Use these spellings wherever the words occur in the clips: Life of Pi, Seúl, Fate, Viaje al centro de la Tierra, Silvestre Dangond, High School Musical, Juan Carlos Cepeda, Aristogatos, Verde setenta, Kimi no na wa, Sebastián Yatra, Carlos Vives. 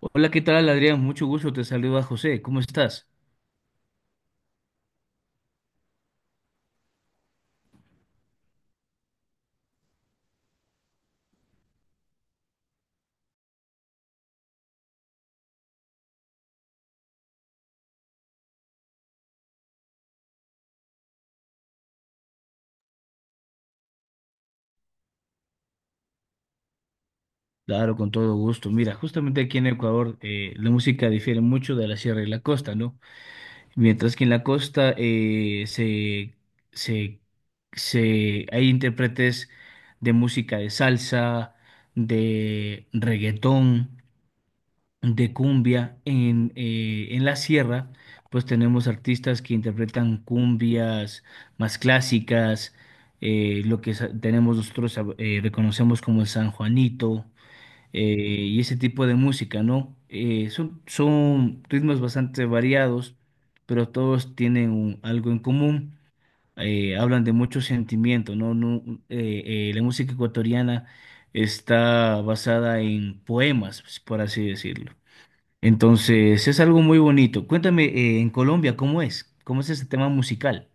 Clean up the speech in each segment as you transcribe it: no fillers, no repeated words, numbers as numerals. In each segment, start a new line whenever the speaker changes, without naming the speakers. Hola, ¿qué tal, Adrián? Mucho gusto, te saluda José. ¿Cómo estás? Claro, con todo gusto. Mira, justamente aquí en Ecuador la música difiere mucho de la sierra y la costa, ¿no? Mientras que en la costa se, hay intérpretes de música de salsa, de reggaetón, de cumbia en la sierra, pues tenemos artistas que interpretan cumbias más clásicas. Tenemos nosotros, reconocemos como el San Juanito eh, y ese tipo de música, ¿no? Son ritmos bastante variados, pero todos tienen algo en común. Hablan de mucho sentimiento, ¿no? La música ecuatoriana está basada en poemas, pues, por así decirlo. Entonces, es algo muy bonito. Cuéntame, en Colombia, ¿cómo es? ¿Cómo es ese tema musical?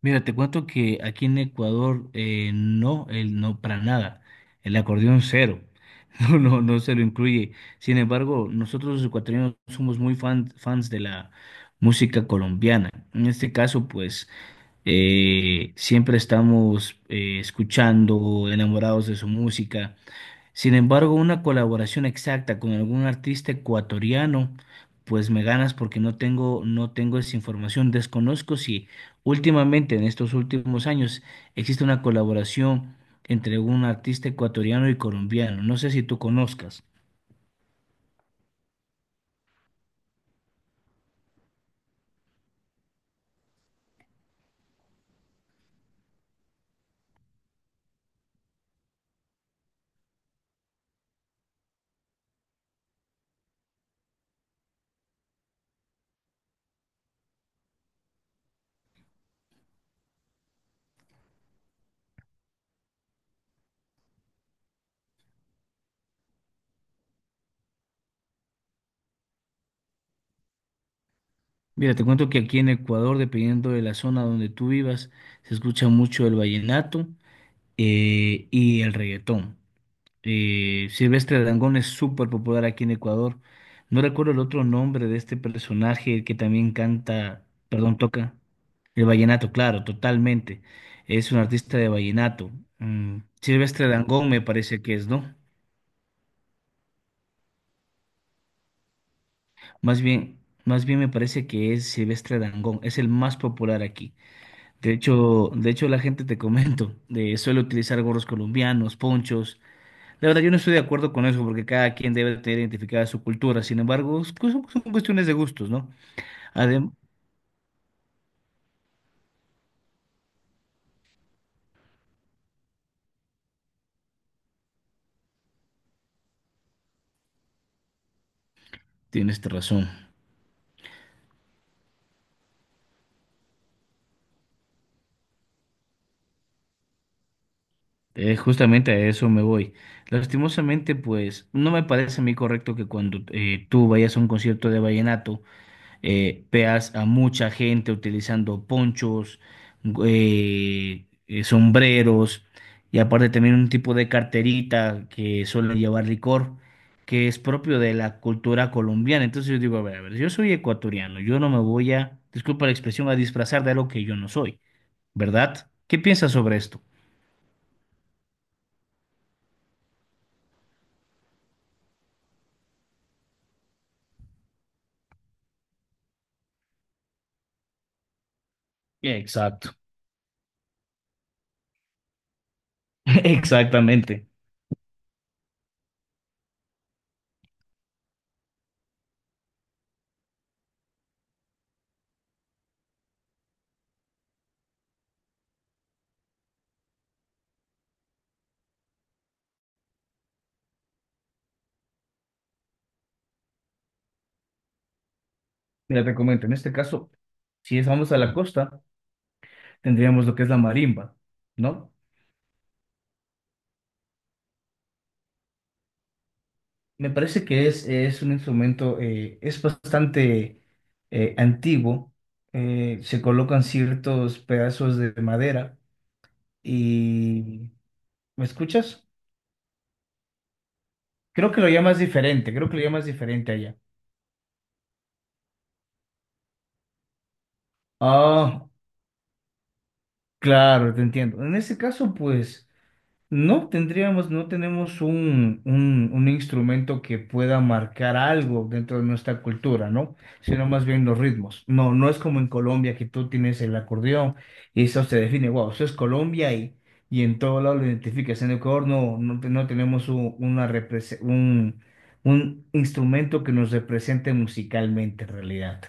Mira, te cuento que aquí en Ecuador, no, para nada. El acordeón cero. No, no, no se lo incluye. Sin embargo, nosotros los ecuatorianos somos muy fans de la música colombiana. En este caso, pues, siempre estamos escuchando, enamorados de su música. Sin embargo, una colaboración exacta con algún artista ecuatoriano, pues me ganas porque no tengo esa información. Desconozco si últimamente, en estos últimos años, existe una colaboración entre un artista ecuatoriano y colombiano. No sé si tú conozcas. Mira, te cuento que aquí en Ecuador, dependiendo de la zona donde tú vivas, se escucha mucho el vallenato y el reggaetón. Y Silvestre Dangond es súper popular aquí en Ecuador. No recuerdo el otro nombre de este personaje, el que también canta, perdón, toca el vallenato, claro, totalmente. Es un artista de vallenato. Mm, Silvestre Dangond me parece que es, ¿no? Más bien, más bien me parece que es Silvestre Dangond, es el más popular aquí. De hecho, la gente, te comento, suele utilizar gorros colombianos, ponchos. La verdad, yo no estoy de acuerdo con eso porque cada quien debe tener identificada su cultura. Sin embargo, son cuestiones de gustos, ¿no? Además, tienes razón. Justamente a eso me voy. Lastimosamente, pues, no me parece a mí correcto que cuando tú vayas a un concierto de vallenato, veas a mucha gente utilizando ponchos, sombreros y aparte también un tipo de carterita que suele llevar licor, que es propio de la cultura colombiana. Entonces yo digo, a ver, yo soy ecuatoriano, yo no me voy a, disculpa la expresión, a disfrazar de algo que yo no soy, ¿verdad? ¿Qué piensas sobre esto? Exacto. Exactamente. Mira, te comento, en este caso, si es- vamos a la costa, tendríamos lo que es la marimba, ¿no? Me parece que es un instrumento, es bastante antiguo. Se colocan ciertos pedazos de madera y... ¿Me escuchas? Creo que lo llamas diferente, creo que lo llamas diferente allá. Ah, claro, te entiendo. En ese caso, pues... no tenemos un instrumento que pueda marcar algo dentro de nuestra cultura, ¿no? Sino más bien los ritmos. No, no es como en Colombia que tú tienes el acordeón y eso se define, wow, eso es Colombia y en todo lado lo identificas. En Ecuador no, no, no tenemos un instrumento que nos represente musicalmente en realidad.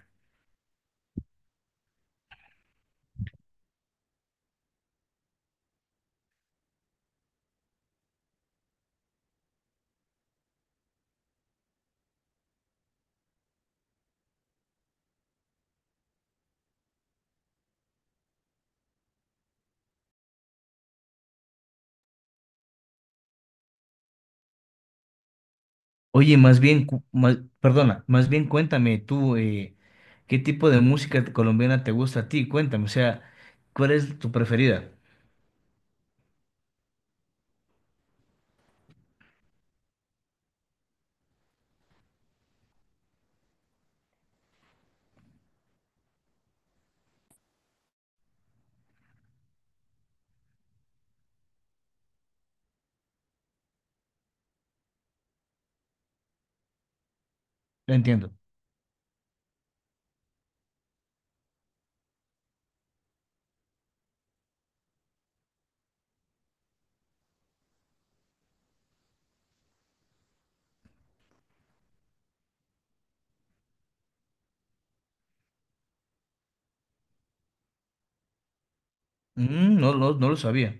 Oye, más bien, perdona, más bien cuéntame tú, ¿qué tipo de música colombiana te gusta a ti? Cuéntame, o sea, ¿cuál es tu preferida? No entiendo. Mm, no, no lo sabía.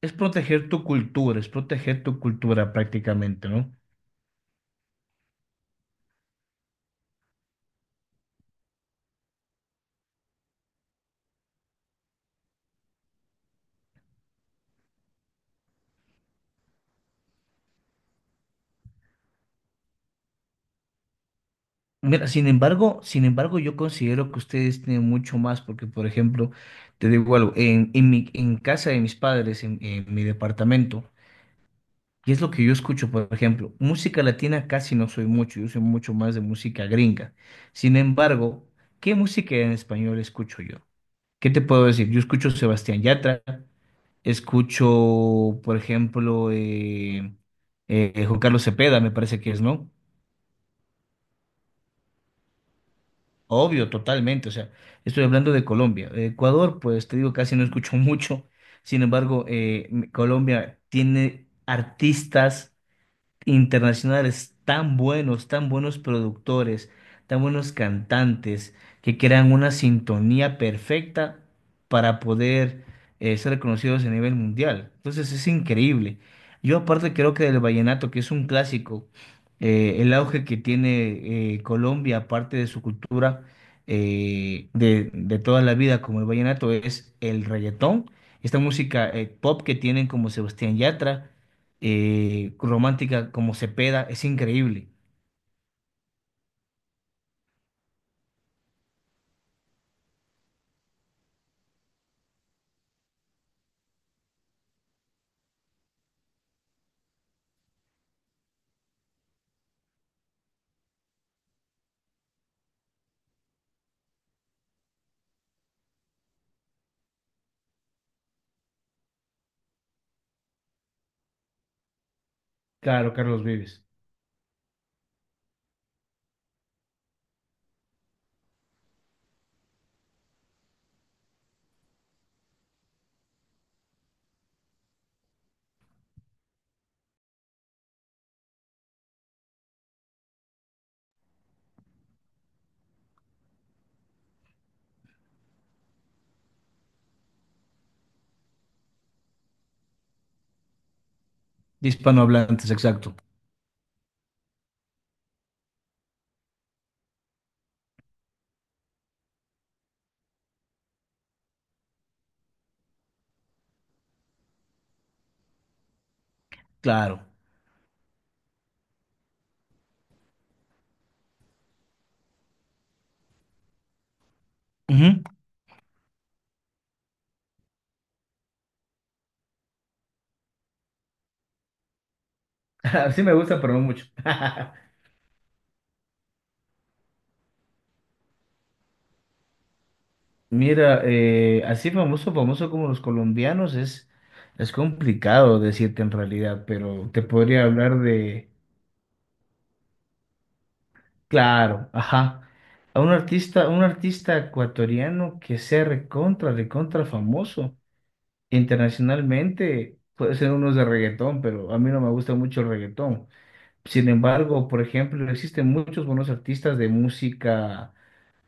Es proteger tu cultura, es proteger tu cultura prácticamente, ¿no? Mira, sin embargo, yo considero que ustedes tienen mucho más, porque, por ejemplo, te digo algo, en mi, en casa de mis padres, en mi departamento, y es lo que yo escucho, por ejemplo, música latina casi no soy mucho, yo soy mucho más de música gringa. Sin embargo, ¿qué música en español escucho yo? ¿Qué te puedo decir? Yo escucho Sebastián Yatra, escucho, por ejemplo, Juan Carlos Cepeda, me parece que es, ¿no? Obvio, totalmente, o sea, estoy hablando de Colombia. Ecuador, pues te digo, casi no escucho mucho. Sin embargo, Colombia tiene artistas internacionales tan buenos productores, tan buenos cantantes, que crean una sintonía perfecta para poder ser reconocidos a nivel mundial. Entonces es increíble. Yo aparte creo que del vallenato, que es un clásico, el auge que tiene Colombia, aparte de su cultura de toda la vida, como el vallenato, es el reggaetón, esta música pop que tienen como Sebastián Yatra, romántica como Cepeda, es increíble. Claro, Carlos Vives. De hispanohablantes, exacto. Claro. Ujú. Así me gusta, pero no mucho. Mira, así famoso, famoso como los colombianos es complicado decirte en realidad, pero te podría hablar de, claro, ajá, a un artista ecuatoriano que sea recontra, recontra famoso internacionalmente, puede ser uno de reggaetón, pero a mí no me gusta mucho el reggaetón. Sin embargo, por ejemplo, existen muchos buenos artistas de música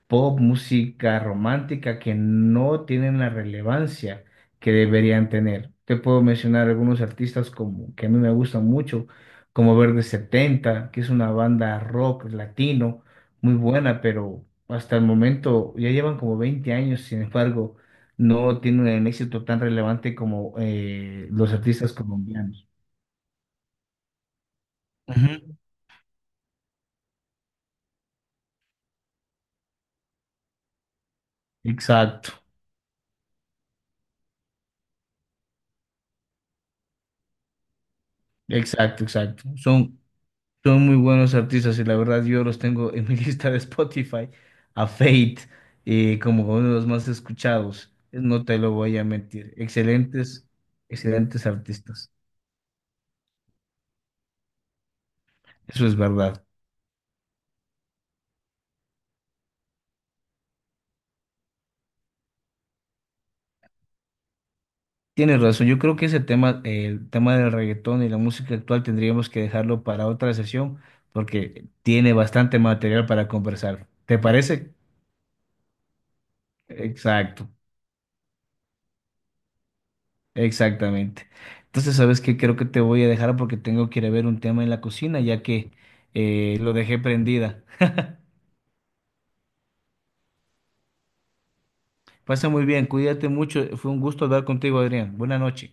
pop, música romántica, que no tienen la relevancia que deberían tener. Te puedo mencionar algunos artistas como, que a mí me gustan mucho, como Verde setenta, que es una banda rock latino muy buena, pero hasta el momento ya llevan como 20 años, sin embargo, no tienen un éxito tan relevante como los artistas colombianos. Ujú. Exacto. Exacto. Son, son muy buenos artistas y la verdad yo los tengo en mi lista de Spotify, a Fate, como uno de los más escuchados. No te lo voy a mentir. Excelentes, excelentes artistas. Eso es verdad. Tienes razón. Yo creo que ese tema, el tema del reggaetón y la música actual tendríamos que dejarlo para otra sesión porque tiene bastante material para conversar. ¿Te parece? Exacto. Exactamente. Entonces, ¿sabes qué? Creo que te voy a dejar porque tengo que ir a ver un tema en la cocina, ya que lo dejé prendida. Pasa muy bien, cuídate mucho. Fue un gusto hablar contigo, Adrián. Buenas noches.